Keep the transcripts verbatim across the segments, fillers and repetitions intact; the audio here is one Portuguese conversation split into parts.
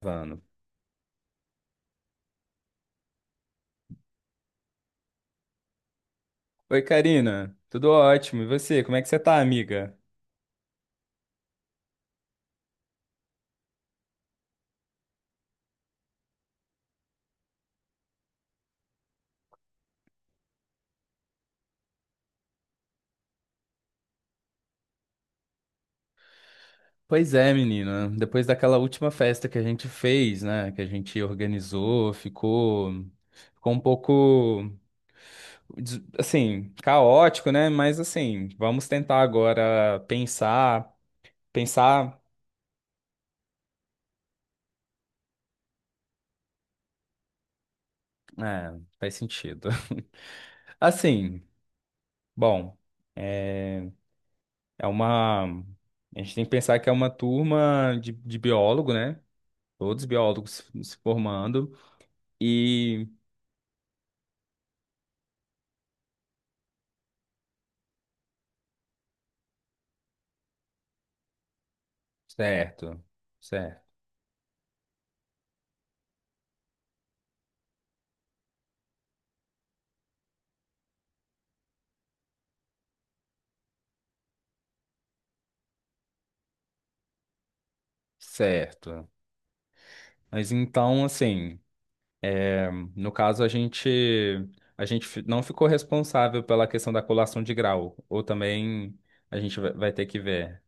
Gravando. Oi, Karina. Tudo ótimo. E você? Como é que você tá, amiga? Pois é, menina. Depois daquela última festa que a gente fez, né? Que a gente organizou, ficou, ficou um pouco, des- assim, caótico, né? Mas, assim, vamos tentar agora pensar, pensar. É, faz sentido. Assim, bom, é, é uma. A gente tem que pensar que é uma turma de, de biólogo, né? Todos biólogos se formando. E certo, certo, certo. Mas então, assim, no caso a gente a gente fi- não ficou responsável pela questão da colação de grau, ou também a gente vai vai ter que ver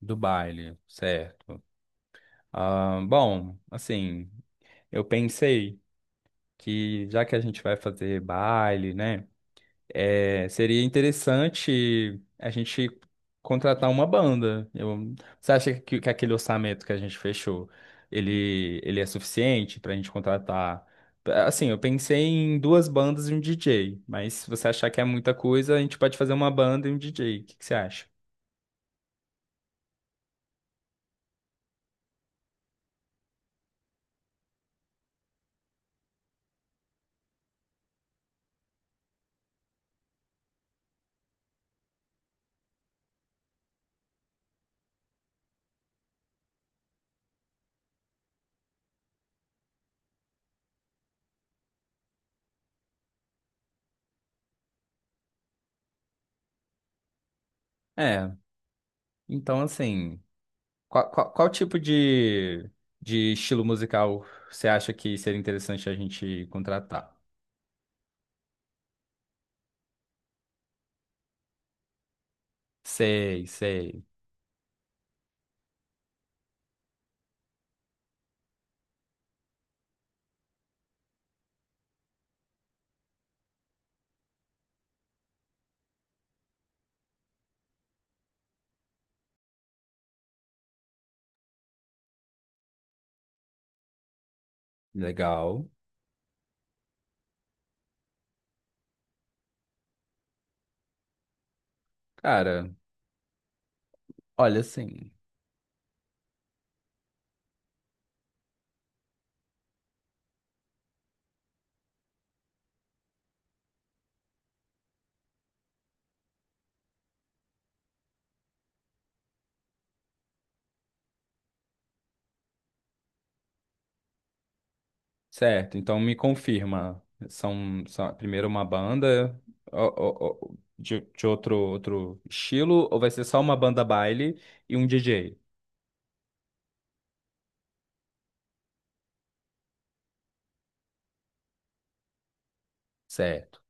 do baile, certo? Ah, bom, assim, eu pensei que já que a gente vai fazer baile, né? É, seria interessante a gente contratar uma banda. Eu- você acha que, que aquele orçamento que a gente fechou, ele, ele é suficiente para a gente contratar? Assim, eu pensei em duas bandas e um D J, mas se você achar que é muita coisa, a gente pode fazer uma banda e um D J. O que, que você acha? É, então assim, qual, qual, qual tipo de, de estilo musical você acha que seria interessante a gente contratar? Sei, sei. Legal. Cara. Olha, sim. Certo. Então me confirma. São, são primeiro uma banda ó, ó, ó, de, de outro, outro estilo, ou vai ser só uma banda baile e um D J? Certo.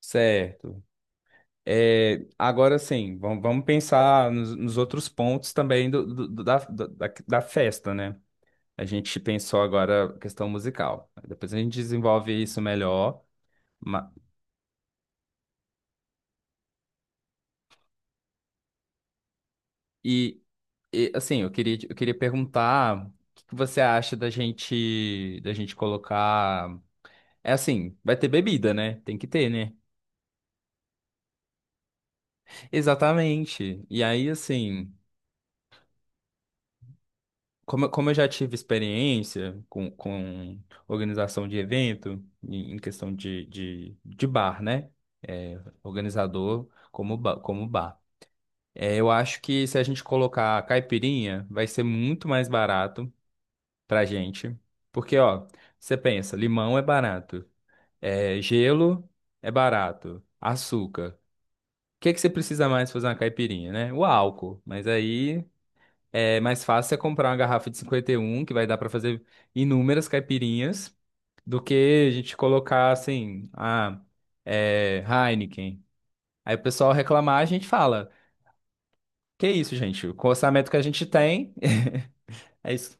Certo. É, agora sim, vamos, vamos pensar nos, nos outros pontos também do, do- do- da, da, da da festa, né? A gente pensou agora a questão musical. Depois a gente desenvolve isso melhor. ma- E E, assim, eu queria, eu queria perguntar o que que você acha da gente, da gente colocar. É assim, vai ter bebida, né? Tem que ter, né? Exatamente. E aí, assim, como, eu- como eu já tive experiência com, com organização de evento, em, em questão de, de, de bar, né? É, organizador como, ba- como bar. É, eu acho que se a gente colocar caipirinha, vai ser muito mais barato pra gente. Porque, ó, você pensa, limão é barato. É, gelo é barato. Açúcar. O que é que você precisa mais pra fazer uma caipirinha, né? O álcool. Mas aí é mais fácil é comprar uma garrafa de cinquenta e um que vai dar pra fazer inúmeras caipirinhas, do que a gente colocar assim, ah, é, Heineken. Aí o pessoal reclamar, a gente fala: Que isso, gente? Com o orçamento que a gente tem. É isso.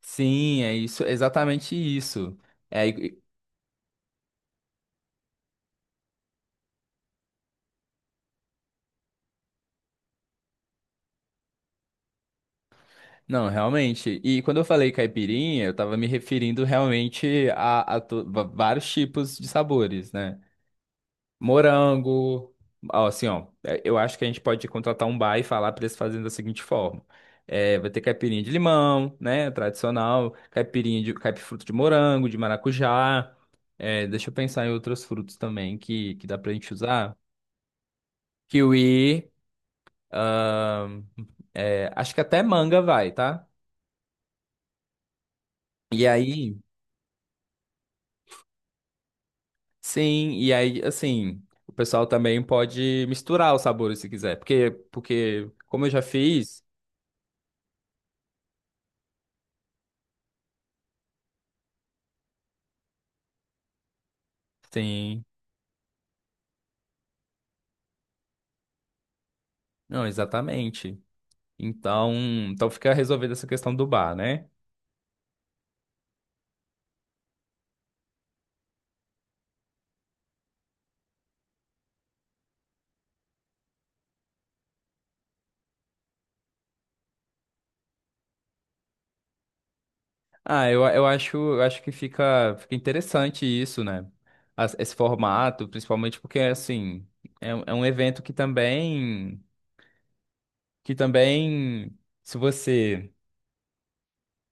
Sim, é isso, exatamente isso. É, não, realmente. E quando eu falei caipirinha, eu tava me referindo realmente a, a to- va- vários tipos de sabores, né? Morango, ó, assim, ó, é, eu acho que a gente pode contratar um bar e falar pra eles fazerem da seguinte forma. É, vai ter caipirinha de limão, né? Tradicional, caipirinha de caipifruto de morango, de maracujá. É, deixa eu pensar em outros frutos também que, que dá pra gente usar. Kiwi, ahn, é, acho que até manga vai, tá? E aí. Sim, e aí, assim, o pessoal também pode misturar os sabores se quiser. Porque, porque como eu já fiz, sim, não, exatamente. Então, então fica resolvida essa questão do bar, né? Ah, eu, eu acho, eu acho que fica, fica interessante isso, né? As- Esse formato, principalmente porque, assim, é, um- é um evento que também, que também, se você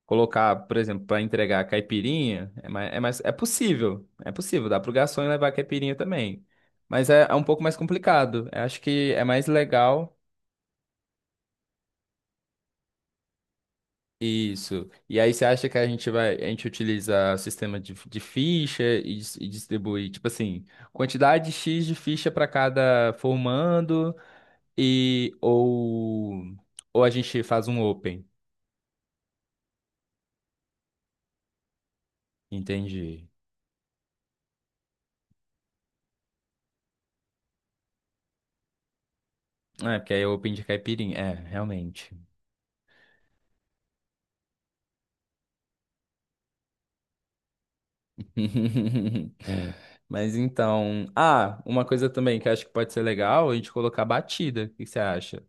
colocar, por exemplo, para entregar caipirinha, é mais, é mais, é possível, é possível, dá pro garçom levar caipirinha também. Mas é, é um pouco mais complicado. Eu acho que é mais legal isso. E aí você acha que a gente vai, a gente utiliza sistema de, de ficha e, dis- e distribui, tipo assim, quantidade xis de ficha para cada formando e ou ou a gente faz um open, entendi. É, porque aí é open de caipirinha, é, realmente. É. Mas então. Ah, uma coisa também que eu acho que pode ser legal, a gente colocar batida. O que que você acha?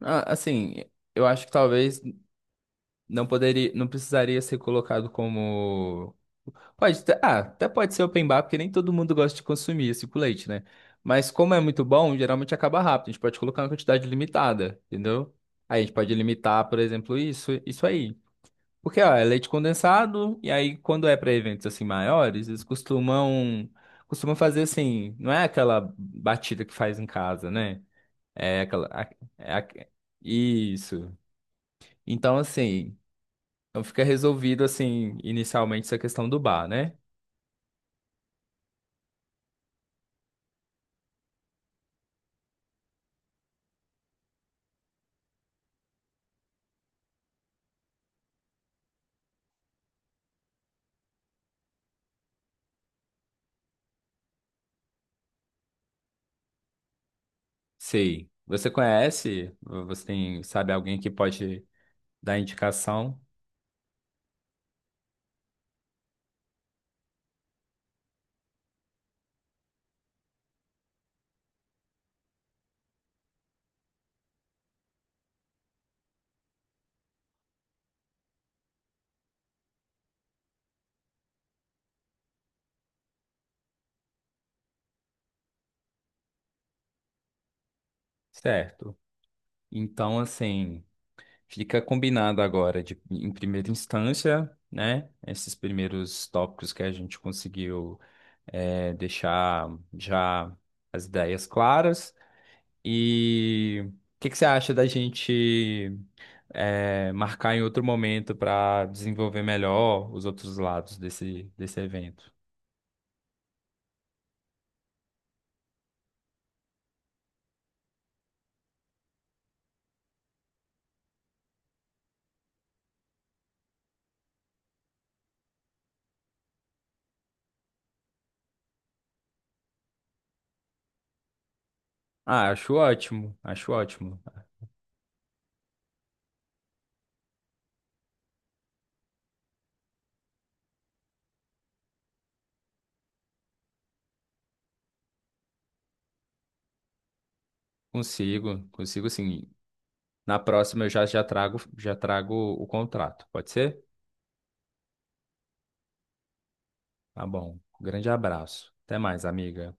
Ah, assim, eu acho que talvez não poderia, não precisaria ser colocado como. Pode, ter- ah, até pode ser open bar, porque nem todo mundo gosta de consumir esse com leite, né? Mas como é muito bom, geralmente acaba rápido. A gente pode colocar uma quantidade limitada, entendeu? Aí a gente pode limitar, por exemplo, isso, isso aí. Porque, ó, é leite condensado, e aí quando é para eventos assim maiores, eles costumam costumam fazer assim, não é aquela batida que faz em casa, né? É aquela a- é a- isso. Então, assim, então fica resolvido assim inicialmente essa questão do bar, né? Sei. Você conhece? Você tem, sabe alguém que pode dar indicação? Certo. Então, assim, fica combinado agora, de, em primeira instância, né? Esses primeiros tópicos que a gente conseguiu é, deixar já as ideias claras. E o que que você acha da gente é, marcar em outro momento para desenvolver melhor os outros lados desse, desse evento? Ah, acho ótimo, acho ótimo. Consigo, consigo sim. Na próxima eu já, já trago, já trago o contrato, pode ser? Tá bom. Grande abraço. Até mais, amiga.